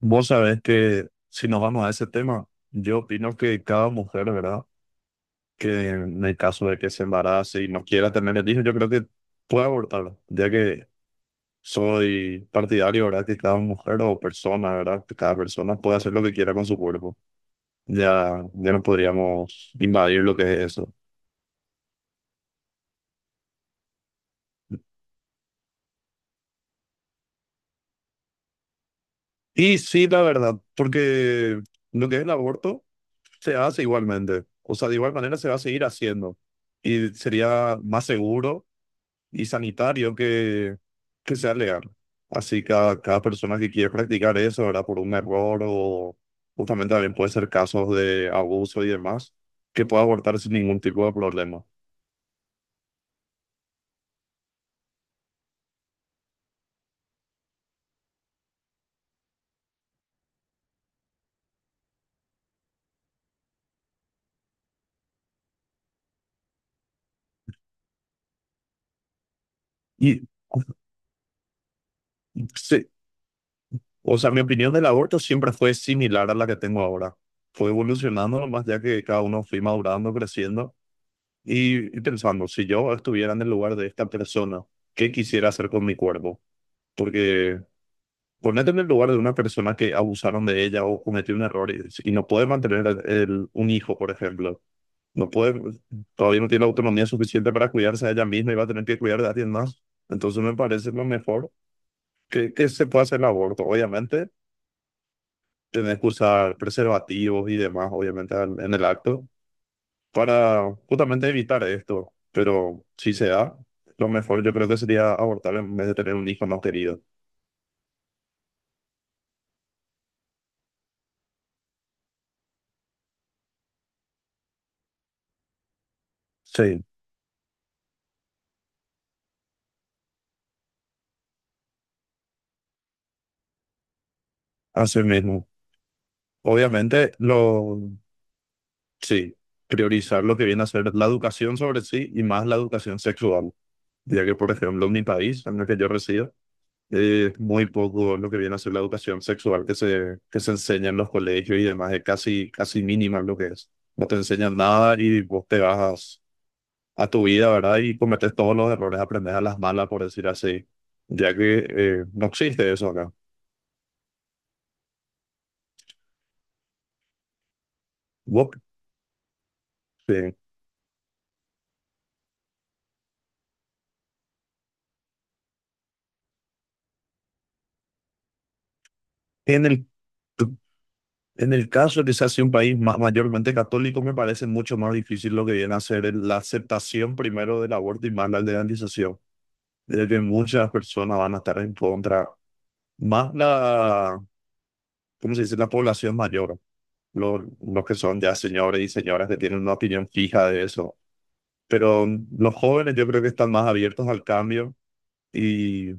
Vos sabés que si nos vamos a ese tema, yo opino que cada mujer, ¿verdad? Que en el caso de que se embarace y no quiera tener el hijo, yo creo que puede abortarlo, ya que soy partidario, ¿verdad? Que cada mujer o persona, ¿verdad? Que cada persona puede hacer lo que quiera con su cuerpo. Ya, ya no podríamos invadir lo que es eso. Y sí, la verdad, porque lo que es el aborto se hace igualmente. O sea, de igual manera se va a seguir haciendo. Y sería más seguro y sanitario que sea legal. Así que a cada persona que quiere practicar eso, ¿verdad? Por un error o justamente también puede ser casos de abuso y demás, que pueda abortar sin ningún tipo de problema. Y sí, o sea, mi opinión del aborto siempre fue similar a la que tengo ahora. Fue evolucionando más ya que cada uno fui madurando, creciendo y pensando, si yo estuviera en el lugar de esta persona, ¿qué quisiera hacer con mi cuerpo? Porque Ponete en el lugar de una persona que abusaron de ella o cometió un error y no puede mantener un hijo, por ejemplo. No puede, todavía no tiene la autonomía suficiente para cuidarse de ella misma y va a tener que cuidar de alguien más. Entonces me parece lo mejor que se pueda hacer el aborto. Obviamente, tenés que usar preservativos y demás, obviamente, en el acto, para justamente evitar esto. Pero si se da, lo mejor yo creo que sería abortar en vez de tener un hijo no querido. Sí, así mismo. Obviamente, sí, priorizar lo que viene a ser la educación sobre sí y más la educación sexual, ya que, por ejemplo, en mi país, en el que yo resido, es muy poco lo que viene a ser la educación sexual que que se enseña en los colegios y demás, es casi, casi mínima lo que es. No te enseñan nada y vos te vas a tu vida, ¿verdad? Y cometes todos los errores, aprendes a las malas, por decir así, ya que no existe eso acá. Vos, eh, en el En el caso de que sea así un país mayormente católico, me parece mucho más difícil lo que viene a ser la aceptación primero del aborto y más la legalización, de que muchas personas van a estar en contra, más la, ¿cómo se dice?, la población mayor, los que son ya señores y señoras que tienen una opinión fija de eso. Pero los jóvenes yo creo que están más abiertos al cambio y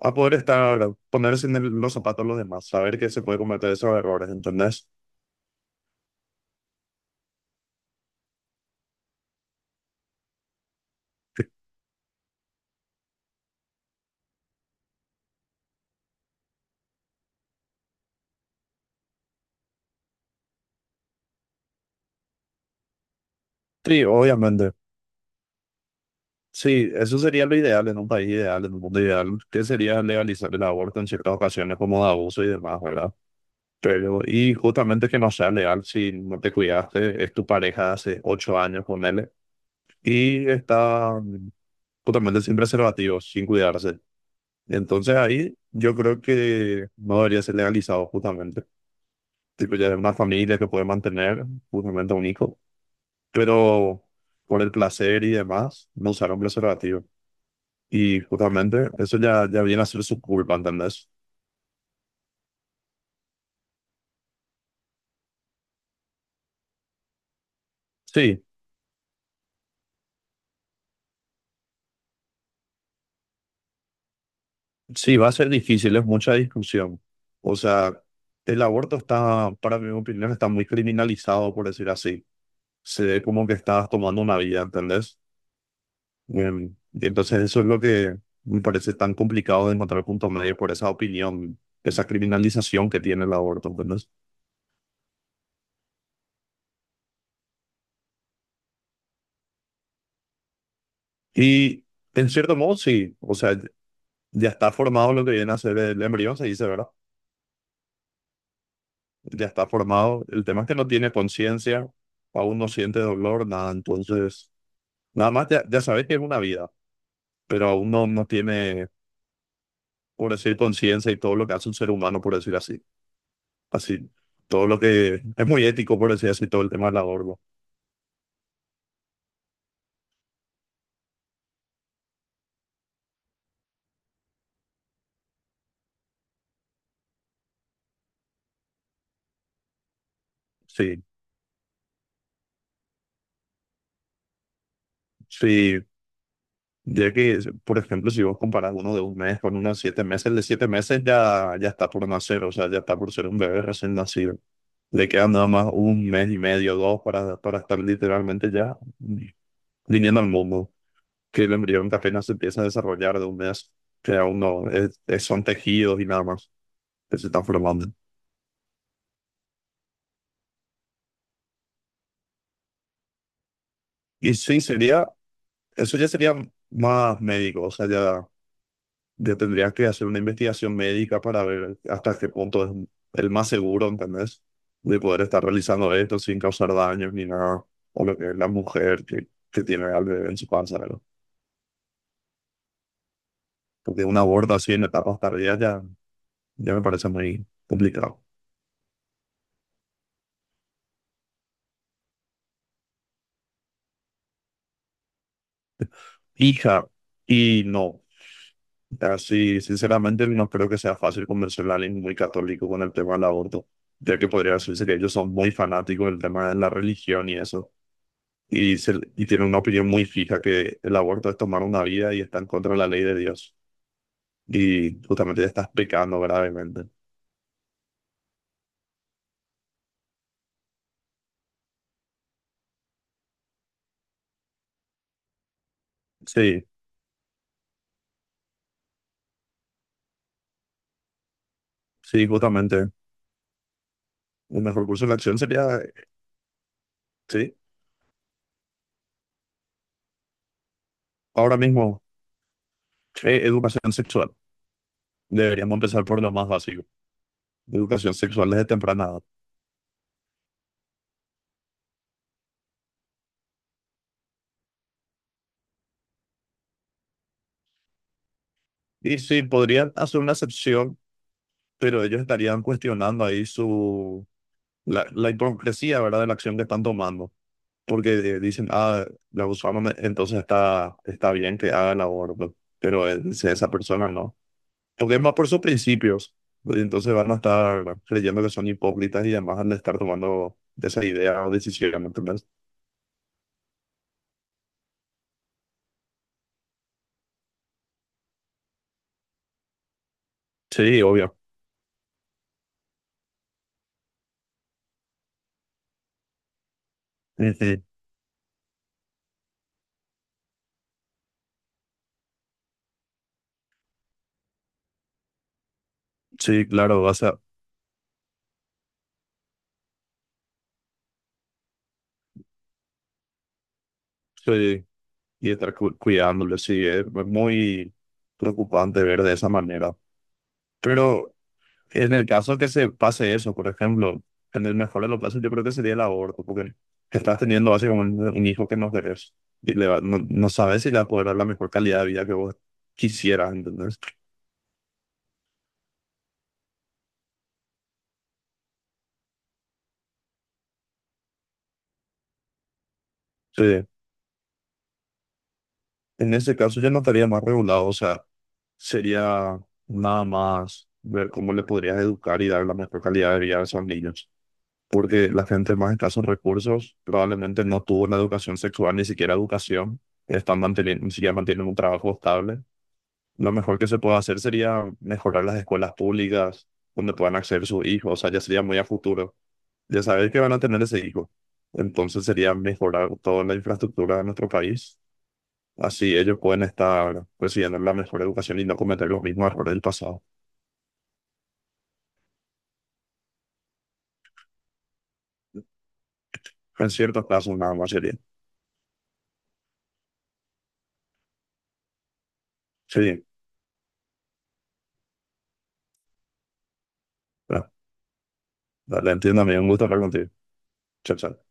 a poder estar, ponerse en los zapatos de los demás, saber que se puede cometer esos errores, ¿entendés? Sí, obviamente. Sí, eso sería lo ideal en un país ideal, en un mundo ideal, que sería legalizar el aborto en ciertas ocasiones como de abuso y demás, ¿verdad? Pero, y justamente que no sea legal si no te cuidaste, es tu pareja de hace 8 años, ponele, y está justamente sin preservativos, sin cuidarse. Entonces ahí yo creo que no debería ser legalizado justamente. Tipo, ya es una familia que puede mantener justamente a un hijo, pero por el placer y demás, no usar un preservativo. Y justamente eso ya, ya viene a ser su culpa, ¿entendés? Sí, sí, va a ser difícil, es mucha discusión. O sea, el aborto está, para mi opinión, está muy criminalizado, por decir así. Se ve como que estás tomando una vida, ¿entendés? Y entonces eso es lo que me parece tan complicado de encontrar punto medio por esa opinión, esa criminalización que tiene el aborto, ¿entendés? Y en cierto modo, sí, o sea, ya está formado lo que viene a ser el embrión, se dice, ¿verdad? Ya está formado. El tema es que no tiene conciencia, aún no siente dolor, nada. Entonces, nada más ya, ya sabes que es una vida, pero aún no, no tiene, por decir, conciencia y todo lo que hace un ser humano, por decir así. Así, todo lo que es muy ético, por decir así, todo el tema del aborto. Sí, sí. Ya que, por ejemplo, si vos comparás uno de un mes con uno de 7 meses, el de 7 meses ya, ya está por nacer, o sea, ya está por ser un bebé recién nacido. Le quedan nada más un mes y medio, dos, para estar literalmente ya viniendo al mundo, que el embrión que apenas se empieza a desarrollar de un mes, que aún no, son tejidos y nada más que se están formando. Y sí, sería, eso ya sería más médico, o sea, ya, ya tendrías que hacer una investigación médica para ver hasta qué punto es el más seguro, ¿entendés? De poder estar realizando esto sin causar daños ni nada, o lo que es la mujer que tiene al bebé en su panza, ¿verdad? Porque un aborto así en etapas tardías ya, ya me parece muy complicado. Hija, y no. Así, sinceramente, no creo que sea fácil convencer a alguien muy católico con el tema del aborto, ya que podría decirse que ellos son muy fanáticos del tema de la religión y eso, y, y tienen una opinión muy fija que el aborto es tomar una vida y está en contra de la ley de Dios, y justamente ya estás pecando gravemente. Sí, sí, justamente. Un mejor curso de acción sería, sí, ahora mismo, educación sexual. Deberíamos empezar por lo más básico, educación sexual desde temprana edad. Y sí, podrían hacer una excepción pero ellos estarían cuestionando ahí su, la hipocresía, ¿verdad?, de la acción que están tomando. Porque dicen, ah, la usamos, entonces está, está bien que haga el aborto, pero esa persona no. Porque es más por sus principios. Y entonces van a estar creyendo que son hipócritas y además van a estar tomando esa idea o decisión, ¿entendés? Sí, obvio. Ujú. Sí, claro, vas a sí, y estar cuidándole, sí, es muy preocupante ver de esa manera. Pero en el caso que se pase eso, por ejemplo, en el mejor de los casos, yo creo que sería el aborto, porque estás teniendo básicamente un hijo que no querés y no, no sabes si le va a poder dar la mejor calidad de vida que vos quisieras, ¿entendés? Sí. En ese caso ya no estaría más regulado, o sea, sería nada más ver cómo le podrías educar y dar la mejor calidad de vida a esos niños, porque la gente más escasos recursos probablemente no tuvo una educación sexual, ni siquiera educación, están manteniendo, ni siquiera mantienen un trabajo estable. Lo mejor que se puede hacer sería mejorar las escuelas públicas donde puedan acceder sus hijos, o sea, ya sería muy a futuro. Ya saber que van a tener ese hijo. Entonces sería mejorar toda la infraestructura de nuestro país. Así ellos pueden estar recibiendo la mejor educación y no cometer los mismos errores del pasado. En ciertos casos nada más sería. Sí, bueno, dale, entiendo, amigo. Un gusto hablar contigo. Chao, chao.